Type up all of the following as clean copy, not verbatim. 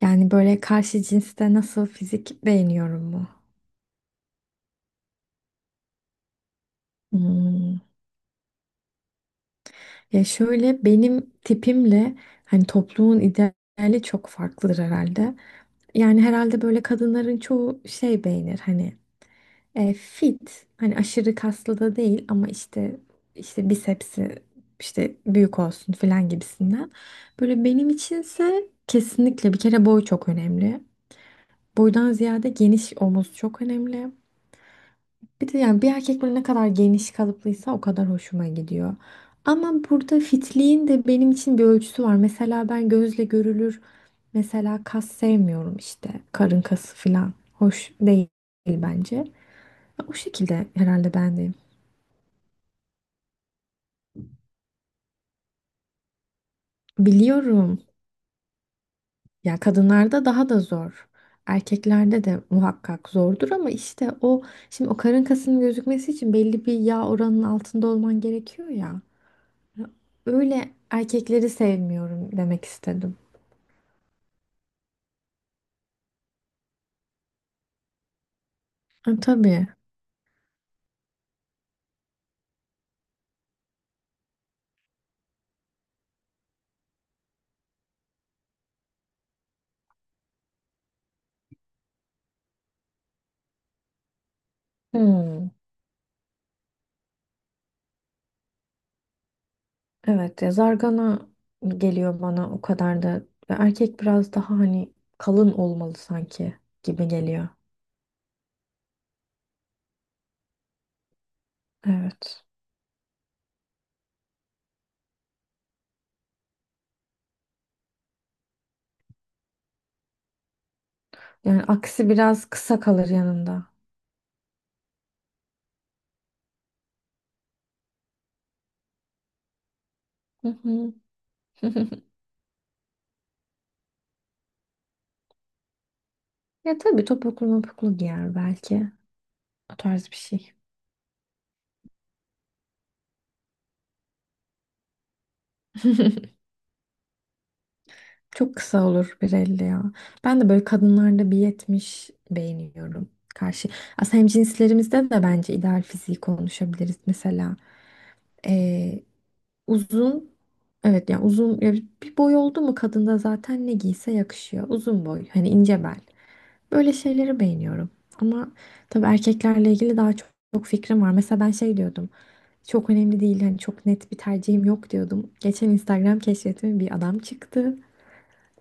Yani böyle karşı cinste nasıl fizik beğeniyorum mu? Hmm. Ya şöyle benim tipimle hani toplumun ideali çok farklıdır herhalde. Yani herhalde böyle kadınların çoğu şey beğenir hani fit hani aşırı kaslı da değil ama işte bisepsi işte büyük olsun falan gibisinden. Böyle benim içinse kesinlikle bir kere boy çok önemli. Boydan ziyade geniş omuz çok önemli. Bir de yani bir erkek böyle ne kadar geniş kalıplıysa o kadar hoşuma gidiyor. Ama burada fitliğin de benim için bir ölçüsü var. Mesela ben gözle görülür mesela kas sevmiyorum işte karın kası falan. Hoş değil bence. O şekilde herhalde ben de. Biliyorum. Ya kadınlarda daha da zor. Erkeklerde de muhakkak zordur ama işte o şimdi o karın kasının gözükmesi için belli bir yağ oranının altında olman gerekiyor ya. Öyle erkekleri sevmiyorum demek istedim. E, tabii. Hmm. Evet ya zargana geliyor bana o kadar da. Ya erkek biraz daha hani kalın olmalı sanki gibi geliyor. Evet. Yani aksi biraz kısa kalır yanında. Hı hı. Ya tabii topuklu mopuklu giyer belki. O tarz bir şey. Çok kısa olur 1,50 ya. Ben de böyle kadınlarda bir yetmiş beğeniyorum. Karşı. Aslında hemcinslerimizde de bence ideal fiziği konuşabiliriz. Mesela eee, uzun, evet, yani uzun ya bir boy oldu mu kadında zaten ne giyse yakışıyor. Uzun boy hani ince bel. Böyle şeyleri beğeniyorum. Ama tabii erkeklerle ilgili daha çok, çok fikrim var. Mesela ben şey diyordum. Çok önemli değil hani çok net bir tercihim yok diyordum. Geçen Instagram keşfetime bir adam çıktı.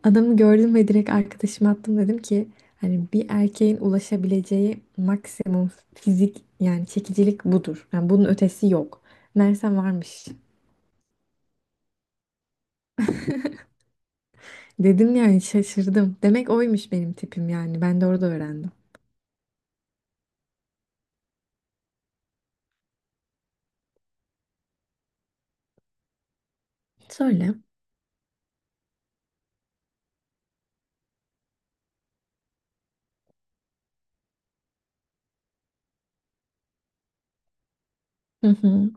Adamı gördüm ve direkt arkadaşıma attım, dedim ki hani bir erkeğin ulaşabileceği maksimum fizik yani çekicilik budur. Yani bunun ötesi yok. Meğersem varmış. Dedim yani şaşırdım. Demek oymuş benim tipim yani. Ben de orada öğrendim. Söyle. Hı hı.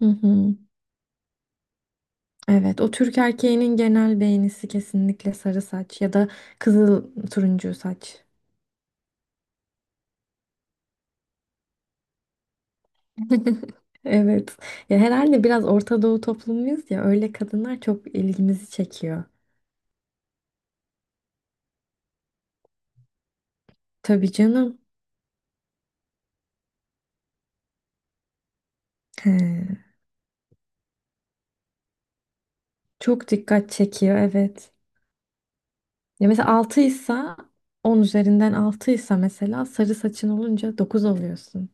Hı hı. Evet, o Türk erkeğinin genel beğenisi kesinlikle sarı saç ya da kızıl, turuncu saç. Evet. Ya herhalde biraz Orta Doğu toplumuyuz ya, öyle kadınlar çok ilgimizi çekiyor. Tabii canım. He, çok dikkat çekiyor, evet. Ya mesela 6'ysa, 10 üzerinden 6'ysa mesela, sarı saçın olunca 9 oluyorsun.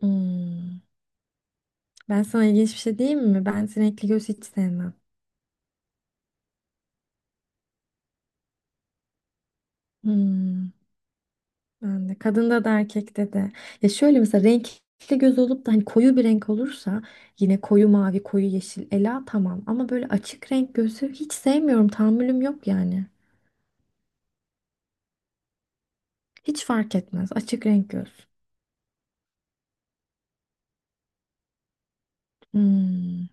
Hmm. Ben sana ilginç bir şey diyeyim mi? Ben sinekli göz hiç sevmem. Hmm. Ben de, kadında da erkekte de. Ya şöyle mesela renkli göz olup da hani koyu bir renk olursa, yine koyu mavi, koyu yeşil, ela, tamam. Ama böyle açık renk gözü hiç sevmiyorum. Tahammülüm yok yani. Hiç fark etmez. Açık renk göz. Hmm.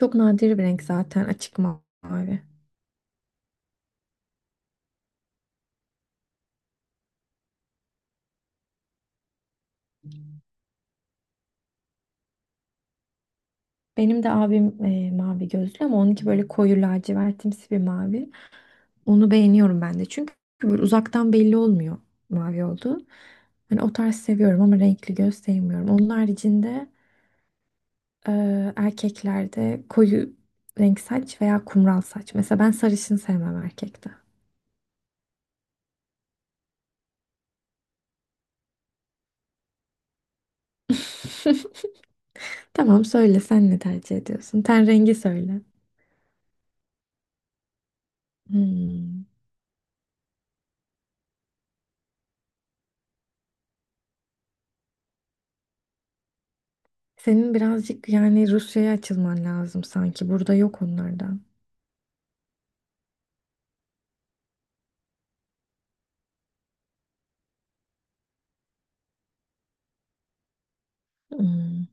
Çok nadir bir renk zaten açık mavi. Benim de abim mavi gözlü ama onunki böyle koyu lacivertimsi bir mavi. Onu beğeniyorum ben de, çünkü böyle uzaktan belli olmuyor mavi olduğu. Hani o tarz seviyorum ama renkli göz sevmiyorum. Onun haricinde e, erkeklerde koyu renk saç veya kumral saç. Mesela ben sarışın sevmem erkekte. Tamam söyle, sen ne tercih ediyorsun? Ten rengi söyle. Hmm. Senin birazcık yani Rusya'ya açılman lazım sanki. Burada yok onlardan. Hmm.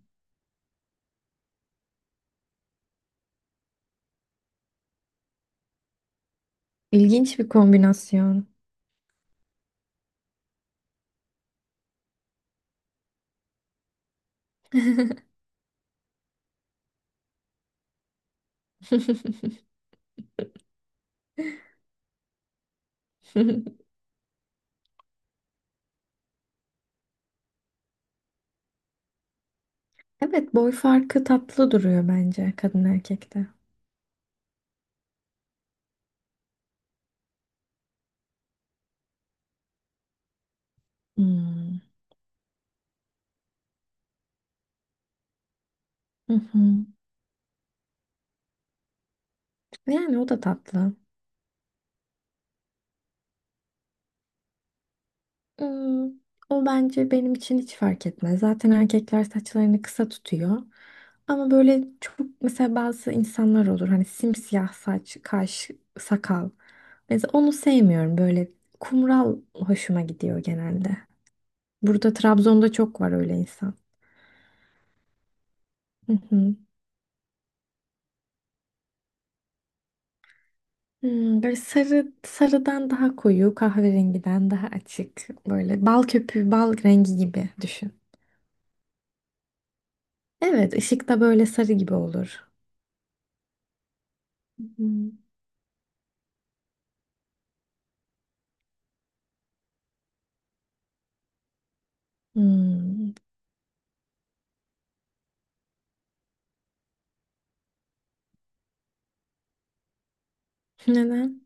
İlginç bir kombinasyon. Evet, boy farkı tatlı duruyor bence kadın erkekte. Hmm. Hı hı. Yani o da tatlı. Hmm. O bence benim için hiç fark etmez. Zaten erkekler saçlarını kısa tutuyor. Ama böyle çok mesela, bazı insanlar olur hani simsiyah saç, kaş, sakal. Mesela onu sevmiyorum. Böyle kumral hoşuma gidiyor genelde. Burada Trabzon'da çok var öyle insan. Hı hı. Hmm, böyle sarı, sarıdan daha koyu, kahverengiden daha açık. Böyle bal köpüğü, bal rengi gibi düşün. Evet, ışık da böyle sarı gibi olur. Hmm. Hmm. Neden?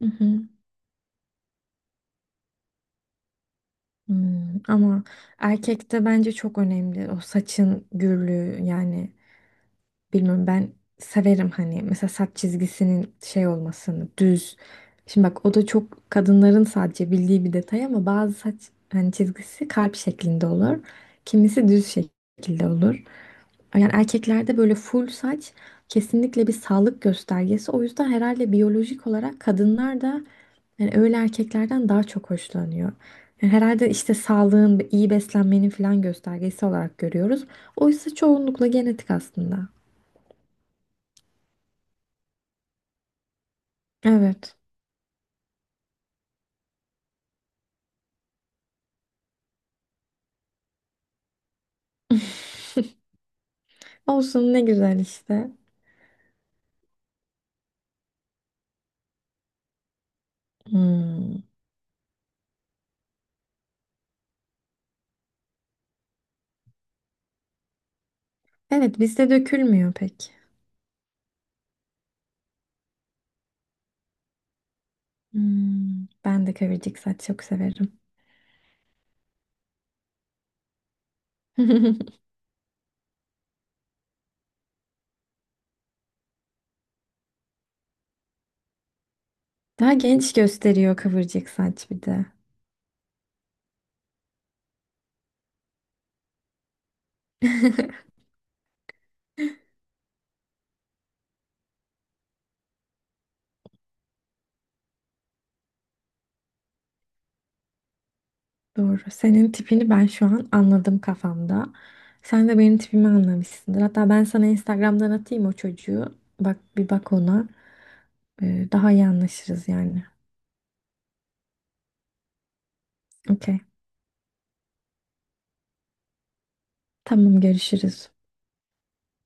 Hı hı. Hmm. Ama erkekte bence çok önemli o saçın gürlüğü yani. Bilmiyorum, ben severim hani mesela saç çizgisinin şey olmasını, düz. Şimdi bak, o da çok kadınların sadece bildiği bir detay ama bazı saç hani çizgisi kalp şeklinde olur. Kimisi düz şekilde olur. Yani erkeklerde böyle full saç kesinlikle bir sağlık göstergesi. O yüzden herhalde biyolojik olarak kadınlar da yani öyle erkeklerden daha çok hoşlanıyor. Yani herhalde işte sağlığın, iyi beslenmenin falan göstergesi olarak görüyoruz. Oysa çoğunlukla genetik aslında. Evet. Olsun, ne güzel işte. Hmm. Evet, bizde dökülmüyor pek. Hmm. Ben de kıvırcık saç çok severim. Daha genç gösteriyor kıvırcık saç bir de. Doğru. Senin tipini ben şu an anladım kafamda. Sen de benim tipimi anlamışsındır. Hatta ben sana Instagram'dan atayım o çocuğu. Bak, bir bak ona. Daha iyi anlaşırız yani. Okey. Tamam, görüşürüz.